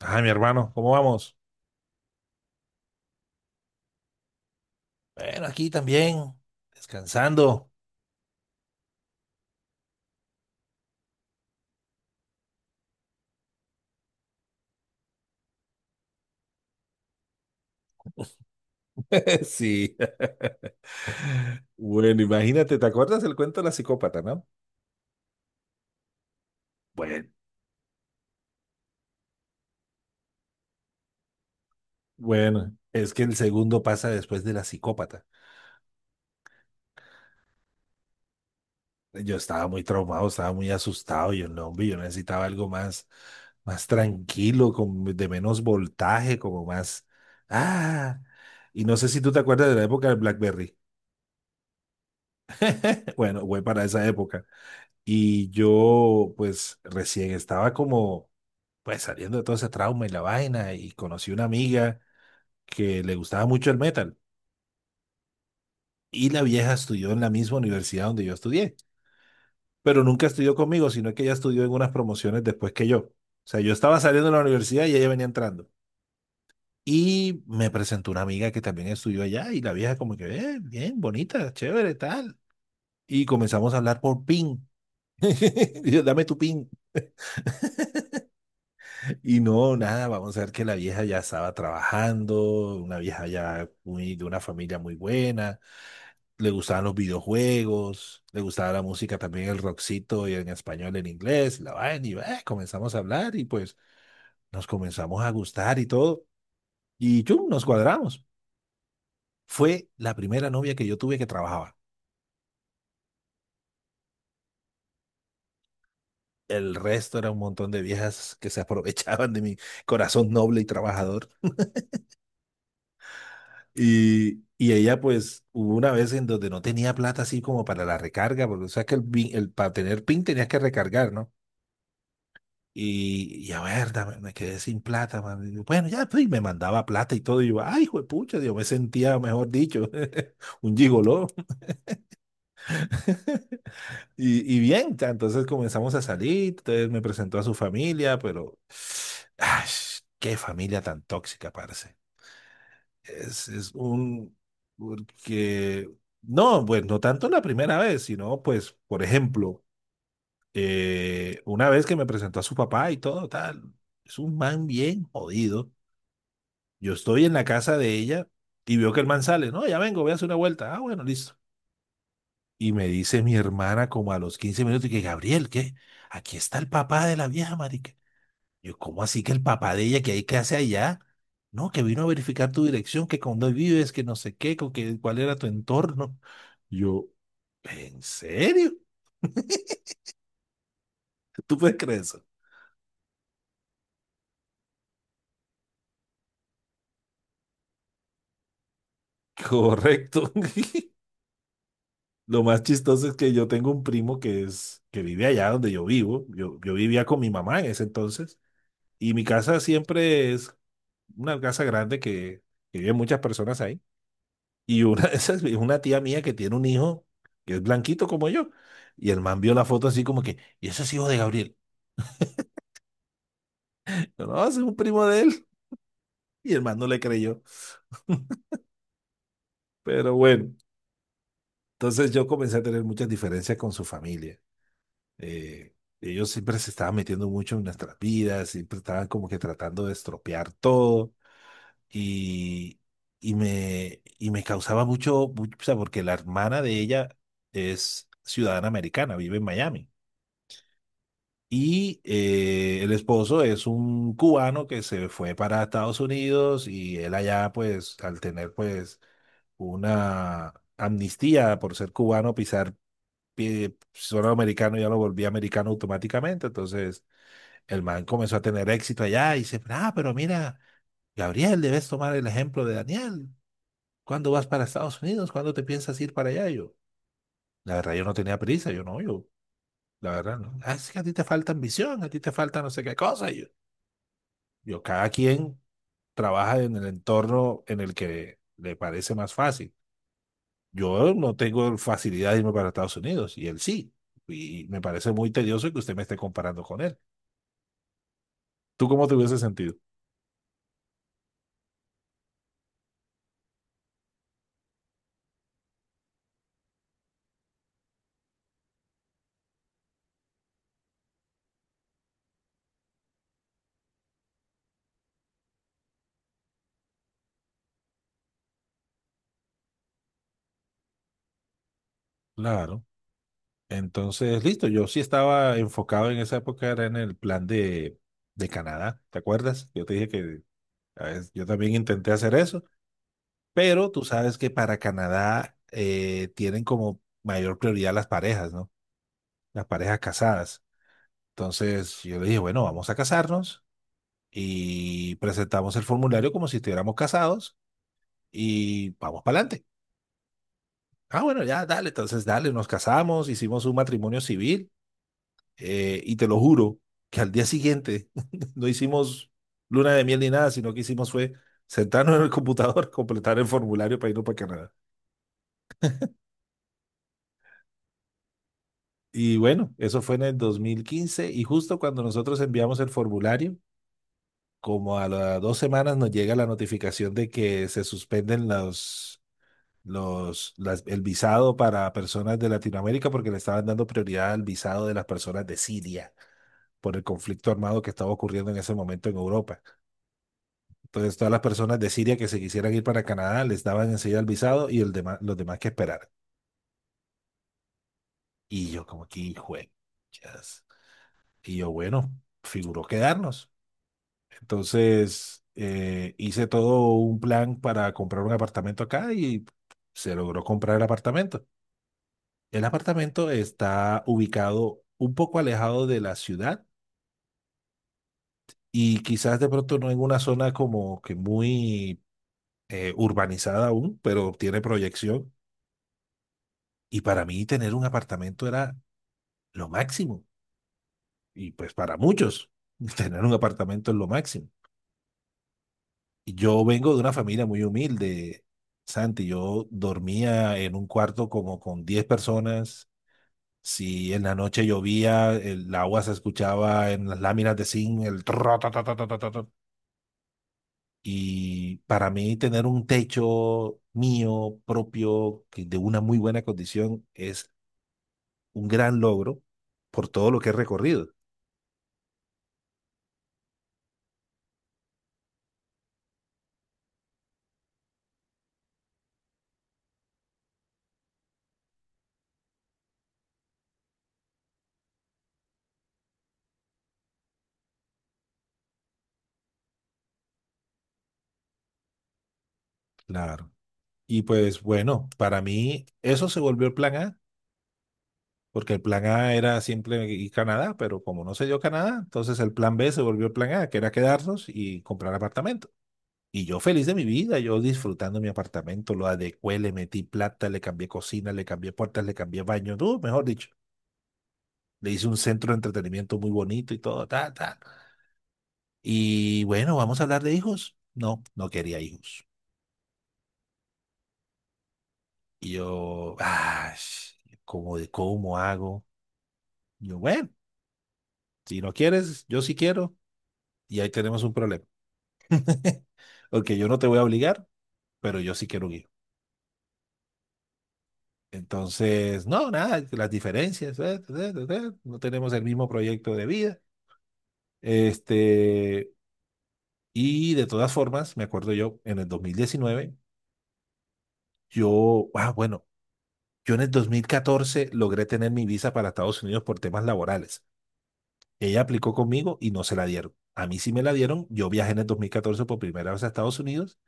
Ah, mi hermano, ¿cómo vamos? Bueno, aquí también, descansando. Sí. Bueno, imagínate, ¿te acuerdas del cuento de la psicópata, no? Bueno, Bueno, es que el segundo pasa después de la psicópata. Yo estaba muy traumado, estaba muy asustado, yo no, hombre, yo necesitaba algo más, más tranquilo, con, de menos voltaje, como más, ah, y no sé si tú te acuerdas de la época del BlackBerry. Bueno, fue para esa época. Y yo, pues, recién estaba como, pues, saliendo de todo ese trauma y la vaina, y conocí una amiga que le gustaba mucho el metal. Y la vieja estudió en la misma universidad donde yo estudié, pero nunca estudió conmigo, sino que ella estudió en unas promociones después que yo. O sea, yo estaba saliendo de la universidad y ella venía entrando. Y me presentó una amiga que también estudió allá, y la vieja como que, bien, bonita, chévere, tal". Y comenzamos a hablar por PIN. Y yo, dame tu PIN. Y no, nada, vamos a ver que la vieja ya estaba trabajando, una vieja ya muy, de una familia muy buena, le gustaban los videojuegos, le gustaba la música también, el rockcito y en español, en inglés, la vaina, y comenzamos a hablar y pues nos comenzamos a gustar y todo, y chum, nos cuadramos. Fue la primera novia que yo tuve que trabajaba. El resto era un montón de viejas que se aprovechaban de mi corazón noble y trabajador. Y ella, pues, hubo una vez en donde no tenía plata así como para la recarga, porque o sea que el, para tener PIN tenías que recargar, ¿no? Y a ver, me quedé sin plata, man. Y yo, bueno, ya, pues, y me mandaba plata y todo. Y yo, ay, hijo de pucha, yo me sentía, mejor dicho, un gigoló. Y bien, ta, entonces comenzamos a salir, entonces me presentó a su familia, pero, ay, qué familia tan tóxica, parce. Es un, porque, no, pues no tanto la primera vez, sino pues, por ejemplo, una vez que me presentó a su papá y todo, tal, es un man bien jodido. Yo estoy en la casa de ella y veo que el man sale, no, ya vengo, voy a hacer una vuelta. Ah, bueno, listo. Y me dice mi hermana como a los 15 minutos, y que Gabriel, ¿qué? Aquí está el papá de la vieja. Yo, ¿cómo así que el papá de ella, que ahí, qué hace allá? No, que vino a verificar tu dirección, que con dónde vives, que no sé qué, con que, cuál era tu entorno. Yo, ¿en serio? ¿Tú puedes creer eso? Correcto. Lo más chistoso es que yo tengo un primo que es, que vive allá donde yo vivo. Yo vivía con mi mamá en ese entonces. Y mi casa siempre es una casa grande que viven muchas personas ahí. Y una de esas es una tía mía que tiene un hijo que es blanquito como yo. Y el man vio la foto así como que, ¿y ese es hijo de Gabriel? Yo, no, ese es un primo de él. Y el man no le creyó. Pero bueno, entonces yo comencé a tener muchas diferencias con su familia. Eh, ellos siempre se estaban metiendo mucho en nuestras vidas, siempre estaban como que tratando de estropear todo. Y, y me causaba mucho, mucho, o sea, porque la hermana de ella es ciudadana americana, vive en Miami. Y el esposo es un cubano que se fue para Estados Unidos y él allá, pues, al tener, pues, una amnistía por ser cubano, pisar pie, suelo americano, ya lo volvía americano automáticamente. Entonces, el man comenzó a tener éxito allá y dice, ah, pero mira, Gabriel, debes tomar el ejemplo de Daniel. ¿Cuándo vas para Estados Unidos? ¿Cuándo te piensas ir para allá? Y yo, la verdad, yo no tenía prisa, yo no, yo, la verdad, no. Ah, es que a ti te falta ambición, a ti te falta no sé qué cosa. Y yo, cada quien trabaja en el entorno en el que le parece más fácil. Yo no tengo facilidad de irme para Estados Unidos y él sí. Y me parece muy tedioso que usted me esté comparando con él. ¿Tú cómo te hubiese sentido? Claro. Entonces, listo. Yo sí estaba enfocado en esa época, era en el plan de Canadá. ¿Te acuerdas? Yo te dije que a veces, yo también intenté hacer eso, pero tú sabes que para Canadá tienen como mayor prioridad las parejas, ¿no? Las parejas casadas. Entonces yo le dije, bueno, vamos a casarnos y presentamos el formulario como si estuviéramos casados y vamos para adelante. Ah, bueno, ya, dale, entonces dale, nos casamos, hicimos un matrimonio civil, y te lo juro que al día siguiente no hicimos luna de miel ni nada, sino que hicimos fue sentarnos en el computador, completar el formulario para irnos para Canadá. Y bueno, eso fue en el 2015 y justo cuando nosotros enviamos el formulario, como a las 2 semanas nos llega la notificación de que se suspenden el visado para personas de Latinoamérica porque le estaban dando prioridad al visado de las personas de Siria por el conflicto armado que estaba ocurriendo en ese momento en Europa. Entonces, todas las personas de Siria que se quisieran ir para Canadá les daban enseguida el visado y el demás, los demás que esperaran. Y yo como que, hijo de chas. Y yo, bueno, figuró quedarnos. Entonces, hice todo un plan para comprar un apartamento acá y se logró comprar el apartamento. El apartamento está ubicado un poco alejado de la ciudad y quizás de pronto no en una zona como que muy urbanizada aún, pero tiene proyección. Y para mí tener un apartamento era lo máximo. Y pues para muchos, tener un apartamento es lo máximo. Yo vengo de una familia muy humilde, Santi. Yo dormía en un cuarto como con 10 personas. Si en la noche llovía, el agua se escuchaba en las láminas de zinc, el tra, ta, ta, ta, ta, ta, ta, ta. Y para mí tener un techo mío, propio, que de una muy buena condición, es un gran logro por todo lo que he recorrido. Claro. Y pues bueno, para mí eso se volvió el plan A, porque el plan A era siempre ir a Canadá, pero como no se dio Canadá, entonces el plan B se volvió el plan A, que era quedarnos y comprar apartamento. Y yo feliz de mi vida, yo disfrutando mi apartamento, lo adecué, le metí plata, le cambié cocina, le cambié puertas, le cambié baño, no, mejor dicho. Le hice un centro de entretenimiento muy bonito y todo, ta, ta. Y bueno, vamos a hablar de hijos. No, no quería hijos. Y yo, ah, ¿cómo, de cómo hago? Yo, bueno, si no quieres, yo sí quiero. Y ahí tenemos un problema. Ok, yo no te voy a obligar, pero yo sí quiero un hijo. Entonces, no, nada, las diferencias, no tenemos el mismo proyecto de vida. Este, y de todas formas, me acuerdo yo, en el 2019, yo, bueno, yo en el 2014 logré tener mi visa para Estados Unidos por temas laborales. Ella aplicó conmigo y no se la dieron. A mí sí me la dieron. Yo viajé en el 2014 por primera vez a Estados Unidos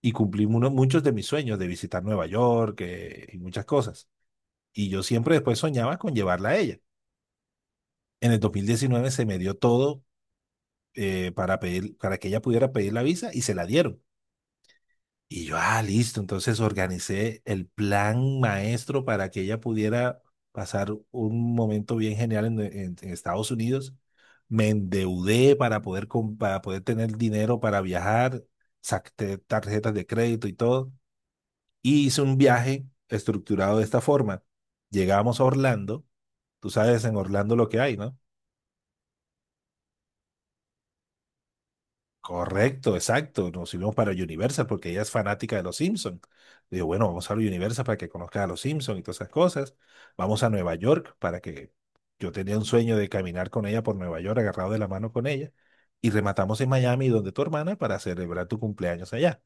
y cumplí uno, muchos de mis sueños de visitar Nueva York, y muchas cosas. Y yo siempre después soñaba con llevarla a ella. En el 2019 se me dio todo para pedir, para que ella pudiera pedir la visa y se la dieron. Y yo, ah, listo, entonces organicé el plan maestro para que ella pudiera pasar un momento bien genial en, en Estados Unidos. Me endeudé para poder, para poder tener dinero para viajar, saqué tarjetas de crédito y todo. Y hice un viaje estructurado de esta forma. Llegamos a Orlando, tú sabes en Orlando lo que hay, ¿no? Correcto, exacto. Nos fuimos para Universal porque ella es fanática de los Simpsons. Digo, bueno, vamos a Universal para que conozca a los Simpsons y todas esas cosas. Vamos a Nueva York para que yo tenía un sueño de caminar con ella por Nueva York, agarrado de la mano con ella. Y rematamos en Miami, donde tu hermana, para celebrar tu cumpleaños allá.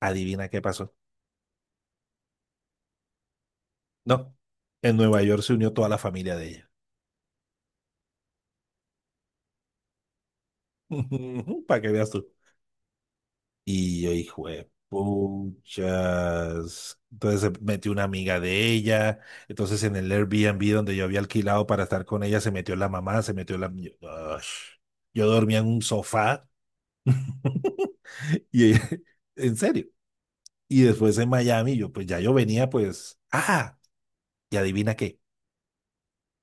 Adivina qué pasó. No, en Nueva York se unió toda la familia de ella. Para que veas tú. Y yo, hijo de puchas. Entonces se metió una amiga de ella. Entonces en el Airbnb donde yo había alquilado para estar con ella, se metió la mamá, se metió la... Yo, ush. Yo dormía en un sofá. Y ella, en serio. Y después en Miami, yo pues ya yo venía pues, y adivina qué,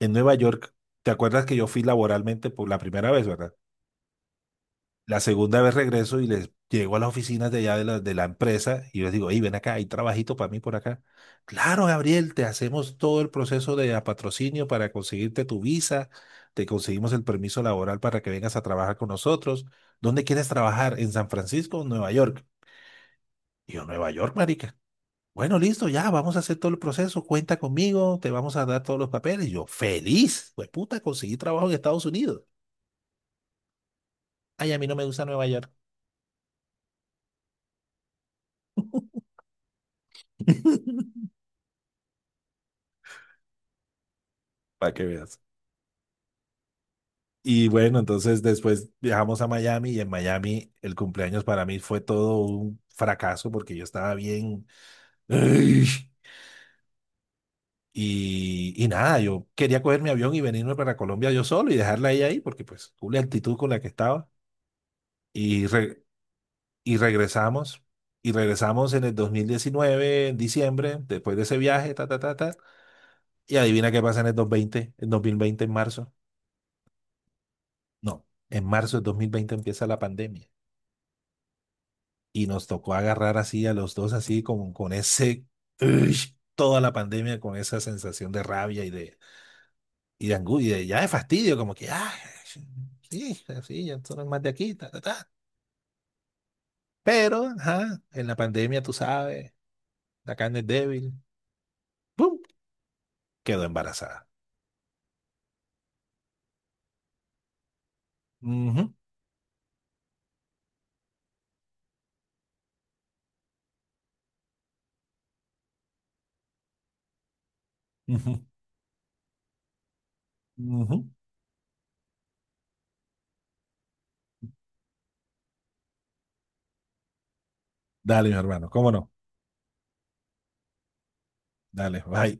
en Nueva York, ¿te acuerdas que yo fui laboralmente por la primera vez, verdad? La segunda vez regreso y les llego a las oficinas de allá de la empresa y les digo, hey, ven acá, hay trabajito para mí por acá. Claro, Gabriel, te hacemos todo el proceso de a patrocinio para conseguirte tu visa, te conseguimos el permiso laboral para que vengas a trabajar con nosotros. ¿Dónde quieres trabajar? ¿En San Francisco o Nueva York? Y yo, Nueva York, marica. Bueno, listo, ya, vamos a hacer todo el proceso, cuenta conmigo, te vamos a dar todos los papeles. Y yo, feliz, pues puta, conseguí trabajo en Estados Unidos. Ay, a mí no me gusta Nueva York. Para que veas. Y bueno, entonces después viajamos a Miami y en Miami el cumpleaños para mí fue todo un fracaso porque yo estaba bien... ¡Ay! Y nada, yo quería coger mi avión y venirme para Colombia yo solo y dejarla ahí porque pues tuve la actitud con la que estaba. Y, re- y regresamos. Y regresamos en el 2019, en diciembre, después de ese viaje, ta, ta, ta, ta. Y adivina qué pasa en el 2020 en marzo. No, en marzo del 2020 empieza la pandemia. Y nos tocó agarrar así a los dos, así como con ese, uy, toda la pandemia, con esa sensación de rabia y de angustia, y ya de fastidio, como que, ah, sí, sí, ya son más de aquí, ta, ta, ta. Pero, ajá, en la pandemia, tú sabes, la carne es débil, ¡pum! Quedó embarazada. Ujú, ujú, ujú. Dale, mi hermano, cómo no. Dale, bye.